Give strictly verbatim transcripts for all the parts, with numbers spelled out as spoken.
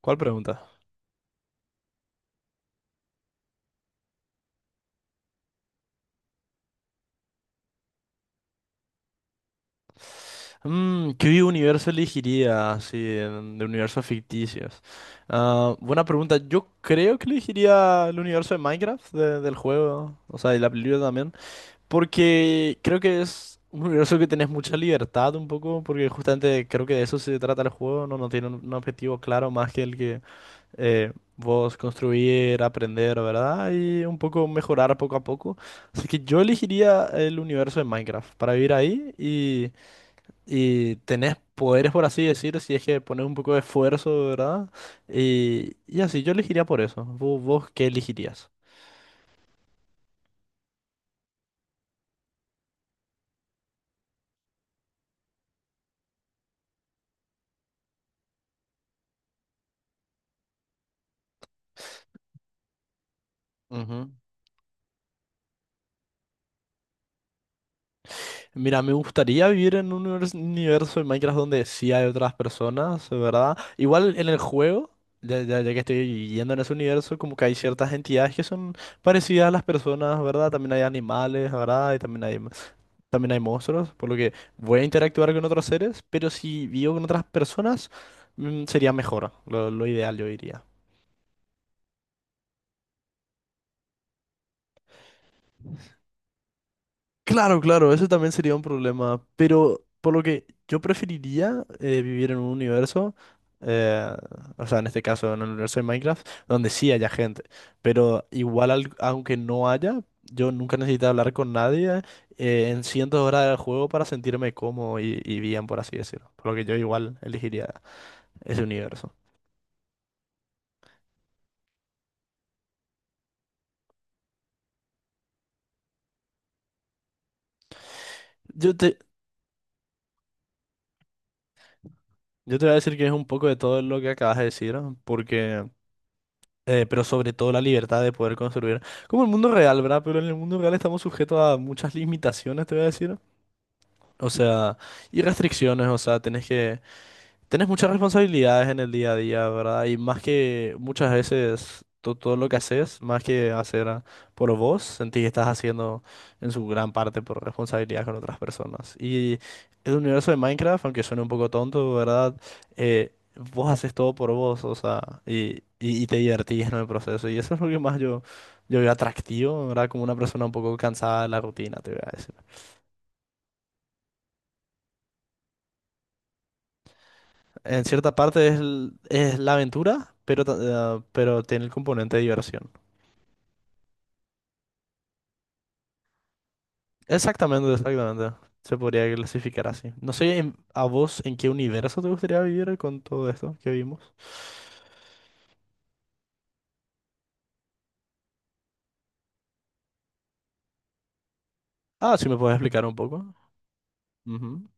¿Cuál pregunta? Mm, ¿qué universo elegiría así en- de universos ficticios? Ah, buena pregunta. Yo creo que elegiría el universo de Minecraft de- del juego, o sea, y la película también, porque creo que es un universo que tenés mucha libertad un poco, porque justamente creo que de eso se trata el juego, no, no tiene un, un objetivo claro más que el que eh, vos construir, aprender, ¿verdad? Y un poco mejorar poco a poco. Así que yo elegiría el universo de Minecraft para vivir ahí y tenés poderes, por así decir, si es que pones un poco de esfuerzo, ¿verdad? Y, y así, yo elegiría por eso. ¿Vos, vos ¿qué elegirías? Ujú. Mira, me gustaría vivir en un univers- universo de Minecraft donde sí hay otras personas, ¿verdad? Igual en el juego, ya, ya- ya que estoy yendo en ese universo, como que hay ciertas entidades que son parecidas a las personas, ¿verdad? También hay animales, ¿verdad? Y también hay, también hay monstruos, por lo que voy a interactuar con otros seres, pero si vivo con otras personas, mm, sería mejor, lo, lo ideal yo diría. Claro, claro, eso también sería un problema, pero por lo que yo preferiría eh, vivir en un universo, eh, o sea, en este caso en el universo de Minecraft, donde sí haya gente, pero igual al- aunque no haya, yo nunca necesito hablar con nadie eh, en cientos de horas del juego para sentirme cómodo y, y bien, por así decirlo, por lo que yo igual elegiría ese universo. Yo te, yo te voy a decir que es un poco de todo lo que acabas de decir, porque... eh, pero sobre todo la libertad de poder construir. Como el mundo real, ¿verdad? Pero en el mundo real estamos sujetos a muchas limitaciones, te voy a decir. O sea, y restricciones, o sea, tenés que... Tenés muchas responsabilidades en el día a día, ¿verdad? Y más que muchas veces to- todo lo que haces, más que hacer a- por vos, sentís que estás haciendo en su gran parte por responsabilidad con otras personas. Y el universo de Minecraft, aunque suene un poco tonto, ¿verdad? Eh, Vos haces todo por vos, o sea, y, y, y te divertís en el proceso. Y eso es lo que más yo, yo veo atractivo, ¿verdad? Como una persona un poco cansada de la rutina, te voy a decir. En cierta parte es, l- es la aventura, pero, ta- eh, pero tiene el componente de diversión. Exactamente, exactamente. Se podría clasificar así. No sé en- a vos en qué universo te gustaría vivir con todo esto que vimos. Ah, si me puedes explicar un poco. Ujú.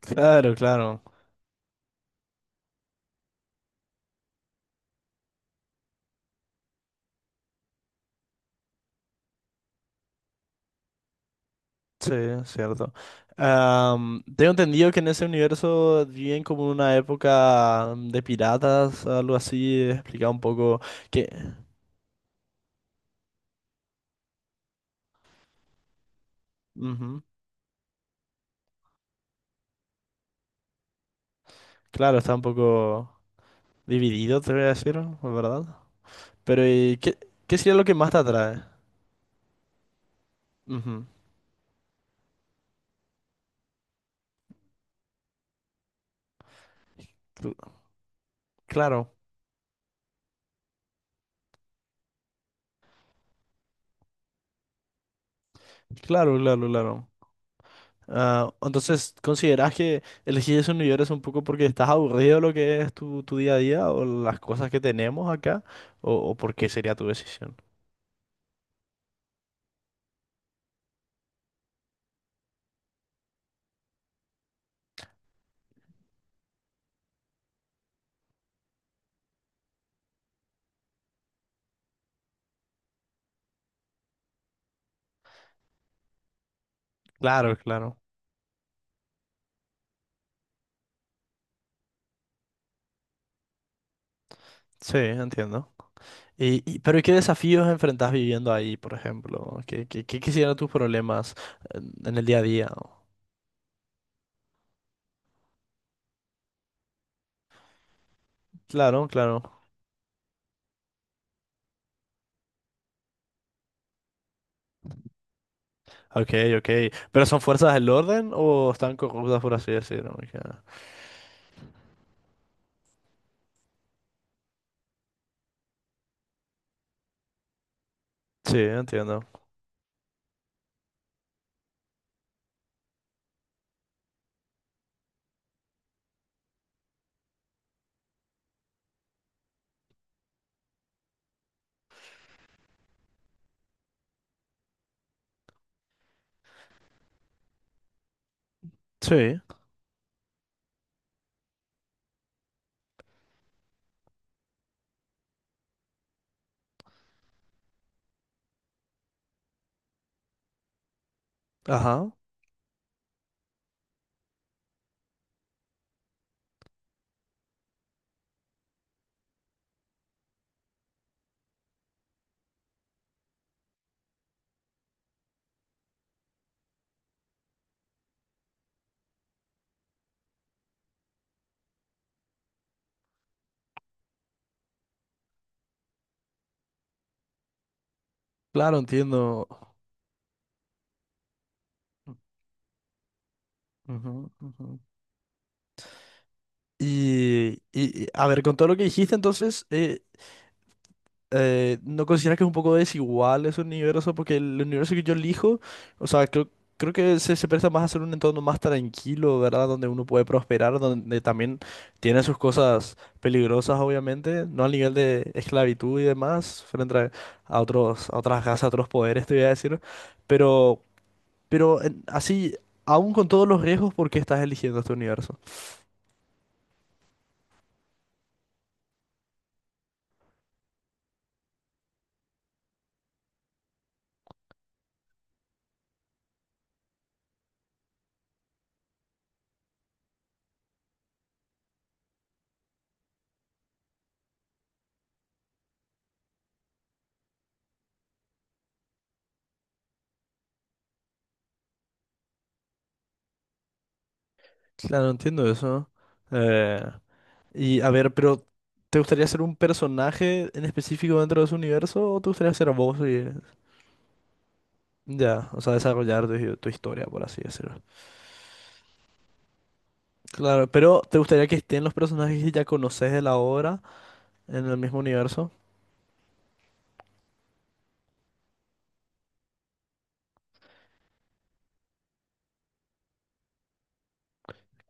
Claro, claro. Sí, es cierto. Am, tengo entendido que en ese universo viven como una época de piratas, algo así. Explicaba un poco que... Ujú. Claro, está un poco... Dividido, te voy a decir, la ¿verdad? Pero, ¿y qué, ¿qué sería lo que más te atrae? Ujú. Cl- Claro, claro, claro, claro. Ah, entonces, ¿consideras que elegís esos universo un poco porque estás aburrido de lo que es tu, tu día a día o las cosas que tenemos acá? ¿O, o por qué sería tu decisión? Claro, claro. Sí, entiendo. Y, y- pero ¿y qué desafíos enfrentás viviendo ahí, por ejemplo? ¿Qué, qué, ¿qué quisieran tus problemas en en el día a día? Claro, claro. Ok, ok. ¿Pero son fuerzas del orden o están corruptas, por así decirlo? Ok. Sí, entiendo. Sí, ajá. Claro, entiendo. Ujú, ujú. Y, y- y, a ver, con todo lo que dijiste, entonces, eh, eh, ¿no consideras que es un poco desigual ese universo? Porque el universo que yo elijo, o sea, creo, creo que se, se presta más a ser un entorno más tranquilo, ¿verdad? Donde uno puede prosperar, donde también tiene sus cosas peligrosas, obviamente, no al nivel de esclavitud y demás, frente a, a otros, a otras casas, a otros poderes, te voy a decir. Pero, pero en- Así, aún con todos los riesgos, ¿por qué estás eligiendo este universo? Claro, entiendo eso. Y a ver, pero ¿te gustaría ser un personaje en específico dentro de su universo o te gustaría ser vos y ya, o sea, desarrollar tu, tu historia, por así decirlo? Claro, pero ¿te gustaría que estén los personajes que ya conoces de la obra en el mismo universo?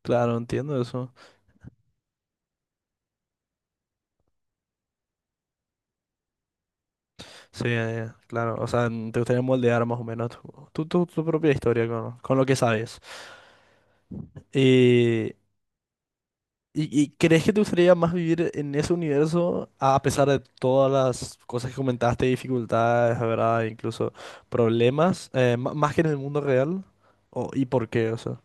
Claro, entiendo eso. Sí, eh, claro, o sea, n- te gustaría moldear más o menos tu, tu, tu- tu propia historia con, con lo que sabes. Y ¿Y, y crees que te gustaría más vivir en ese universo a pesar de todas las cosas que comentaste, dificultades, ¿verdad? Incluso problemas, eh, ma- más que en el mundo real? ¿O, ¿y por qué? O sea,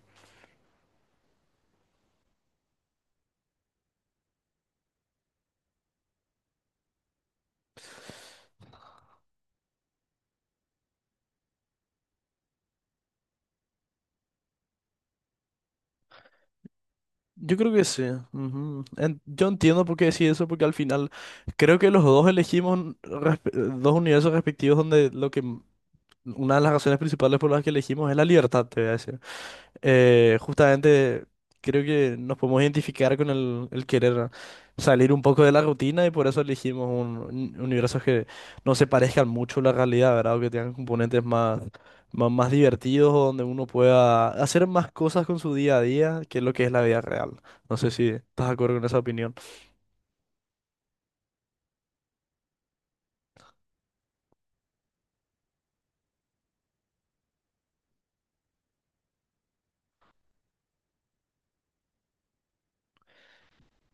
yo creo que sí. Ujú. En- yo entiendo por qué decís eso, porque al final creo que los dos elegimos un respe- dos universos respectivos donde lo que m- una de las razones principales por las que elegimos es la libertad, te voy a decir. Eh, justamente creo que nos podemos identificar con el, el querer salir un poco de la rutina y por eso elegimos un, un- universos que no se parezcan mucho a la realidad, ¿verdad? O que tengan componentes más, más, más divertidos o donde uno pueda hacer más cosas con su día a día que lo que es la vida real. No sé si estás de acuerdo con esa opinión.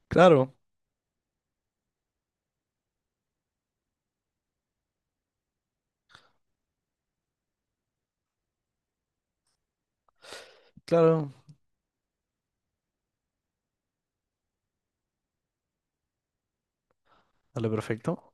Claro, claro. Dale, perfecto.